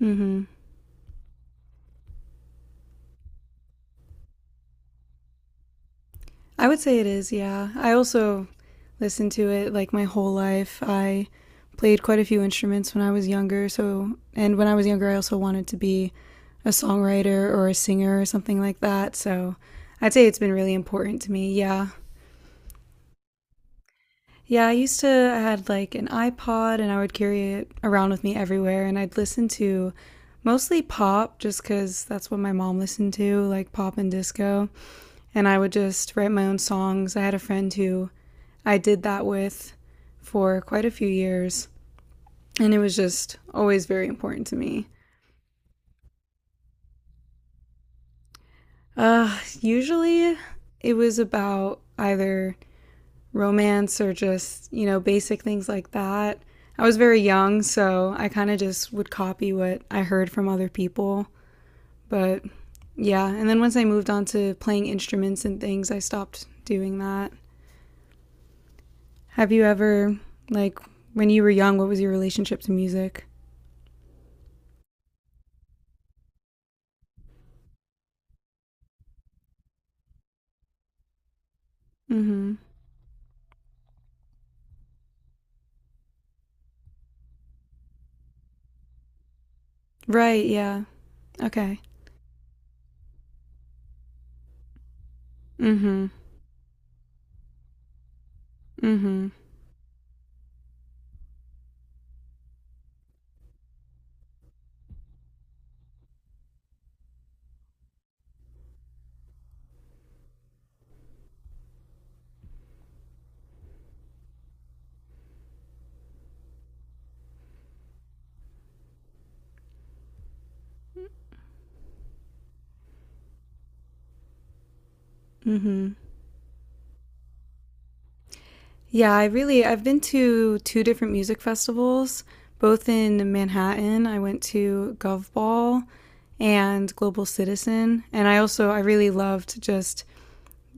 Mm-hmm. I would say it is, yeah. I also listened to it like my whole life. I played quite a few instruments when I was younger, so and when I was younger I also wanted to be a songwriter or a singer or something like that. So I'd say it's been really important to me. Yeah. Yeah, I used to I had like an iPod and I would carry it around with me everywhere, and I'd listen to mostly pop just cuz that's what my mom listened to, like pop and disco. And I would just write my own songs. I had a friend who I did that with for quite a few years, and it was just always very important to me. Usually it was about either romance or just, basic things like that. I was very young, so I kind of just would copy what I heard from other people. But yeah, and then once I moved on to playing instruments and things, I stopped doing that. Have you ever, like, when you were young, what was your relationship to music? Mm hmm. Right, yeah. Okay. Mm-hmm. Mm-hmm. Mm-hmm. Yeah, I've been to two different music festivals, both in Manhattan. I went to Gov Ball and Global Citizen, and I really loved just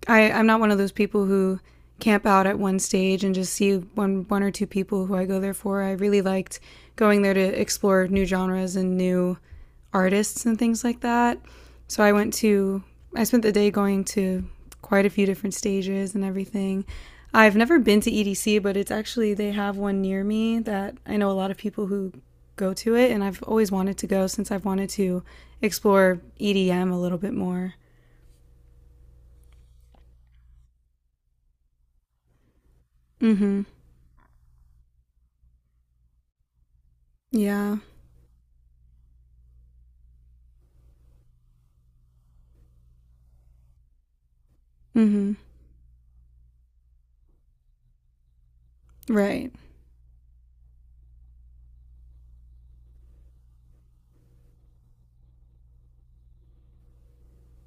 I'm not one of those people who camp out at one stage and just see one or two people who I go there for. I really liked going there to explore new genres and new artists and things like that. So I went to I spent the day going to quite a few different stages and everything. I've never been to EDC, but it's actually they have one near me that I know a lot of people who go to it, and I've always wanted to go since I've wanted to explore EDM a little bit more. Mhm. Yeah. Mhm. Right.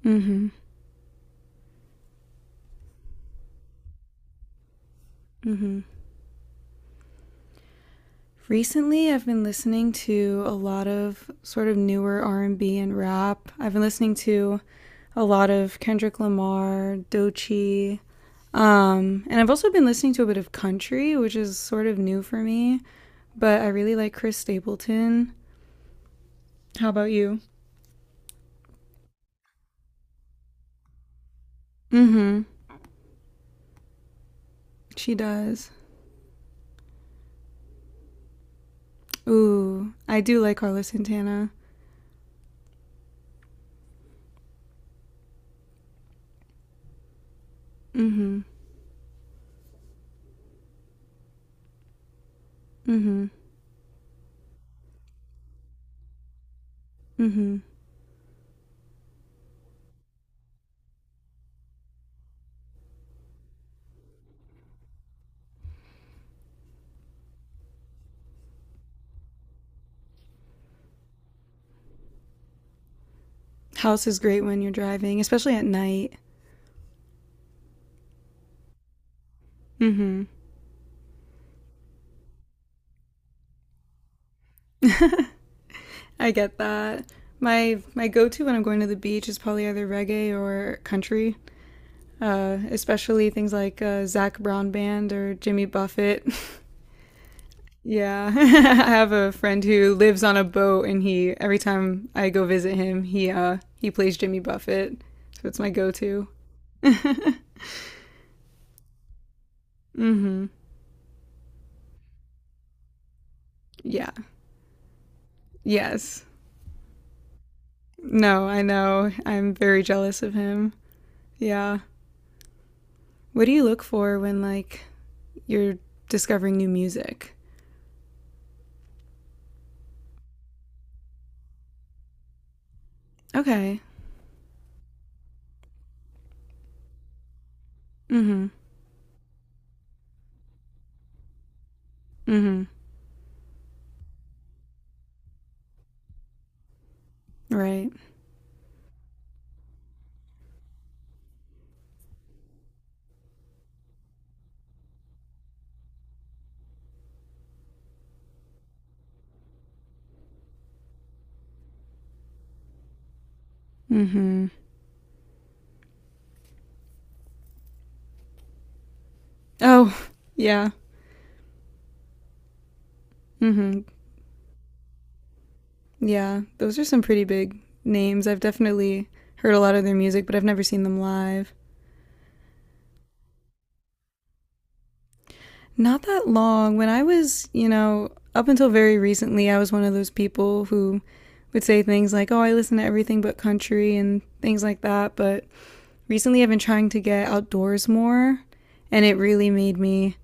Mhm. Mhm. Recently, I've been listening to a lot of sort of newer R&B and B and rap. I've been listening to a lot of Kendrick Lamar, Doechii, and I've also been listening to a bit of country, which is sort of new for me, but I really like Chris Stapleton. How about you? Mhm. She does. Ooh, I do like Carlos Santana. Mhm. Mhm. Mhm. House is great when you're driving, especially at night. Mm-hmm. I get that. My go to when I'm going to the beach is probably either reggae or country, especially things like Zach Brown Band or Jimmy Buffett. Yeah, I have a friend who lives on a boat, and he every time I go visit him, he plays Jimmy Buffett, so it's my go to. Mm-hmm. Yeah. Yes. No, I know. I'm very jealous of him. Yeah. What do you look for when, like, you're discovering new music? Okay. Mm hmm. Mm hmm. Right. Mm hmm. Oh, yeah. Mm hmm. Yeah. Those are some pretty big names. I've definitely heard a lot of their music, but I've never seen them live. Not that long. When I was, you know, up until very recently, I was one of those people who would say things like, oh, I listen to everything but country and things like that. But recently, I've been trying to get outdoors more, and it really made me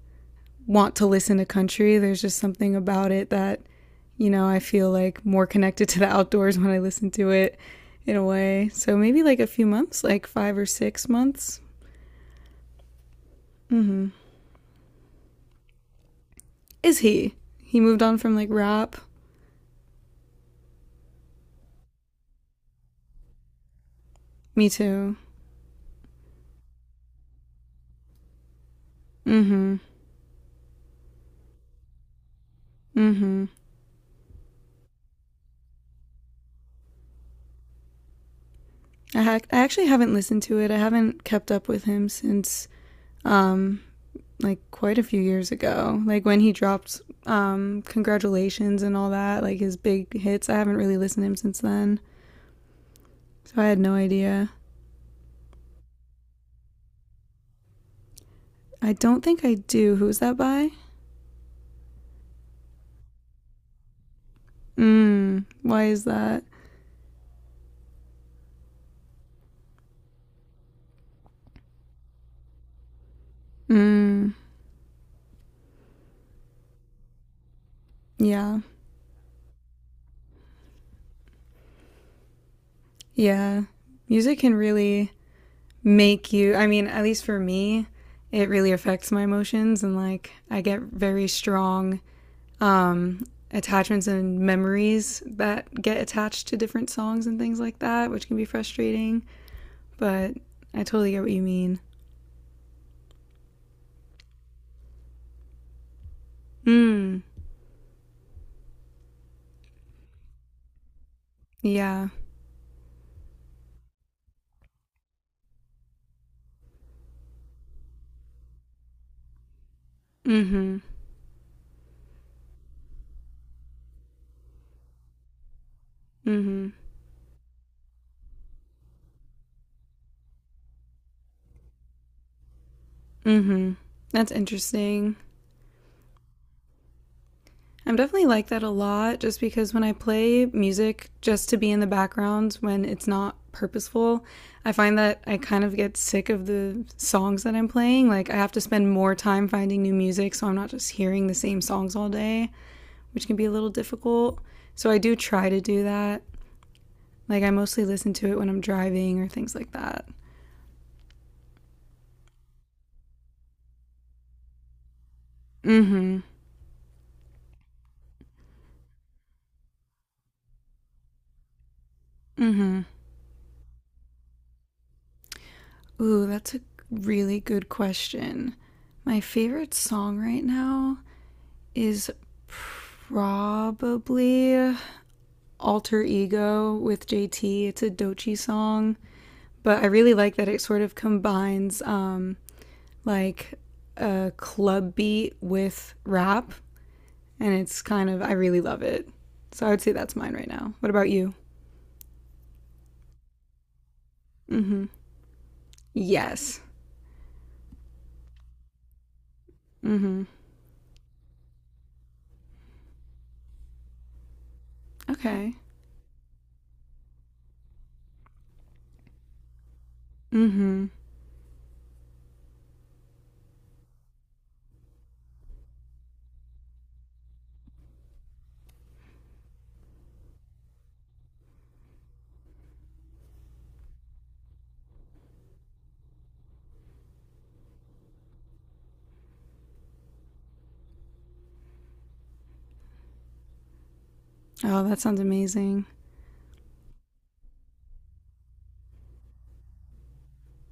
want to listen to country. There's just something about it that, you know, I feel like more connected to the outdoors when I listen to it in a way. So maybe like a few months, like five or six months. Is he? He moved on from like rap. Me too. Mm hmm. Mm hmm. I actually haven't listened to it. I haven't kept up with him since um, like quite a few years ago. Like when he dropped Congratulations and all that, like his big hits. I haven't really listened to him since then. So I had no idea. I don't think I do. Who's that by? Mmm. Why is that? Mmm. Yeah. Yeah. Music can really make you, I mean, at least for me, it really affects my emotions, and like I get very strong um attachments and memories that get attached to different songs and things like that, which can be frustrating, but I totally get what you mean. Mm. Yeah. Mhm. Mhm. Mhm. That's interesting. I'm definitely like that a lot, just because when I play music just to be in the background when it's not purposeful, I find that I kind of get sick of the songs that I'm playing. Like, I have to spend more time finding new music so I'm not just hearing the same songs all day, which can be a little difficult. So, I do try to do that. Like, I mostly listen to it when I'm driving or things like that. Mm hmm. Ooh, that's a really good question. My favorite song right now? Is probably Alter Ego with JT. It's a Dochi song, but I really like that it sort of combines, like a club beat with rap, and it's kind of, I really love it. So I would say that's mine right now. What about you? Mm hmm. Yes. Mm hmm. Okay. Mm hmm. Oh, that sounds amazing.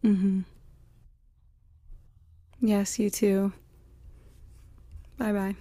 Mm hmm. Yes, you too. Bye bye.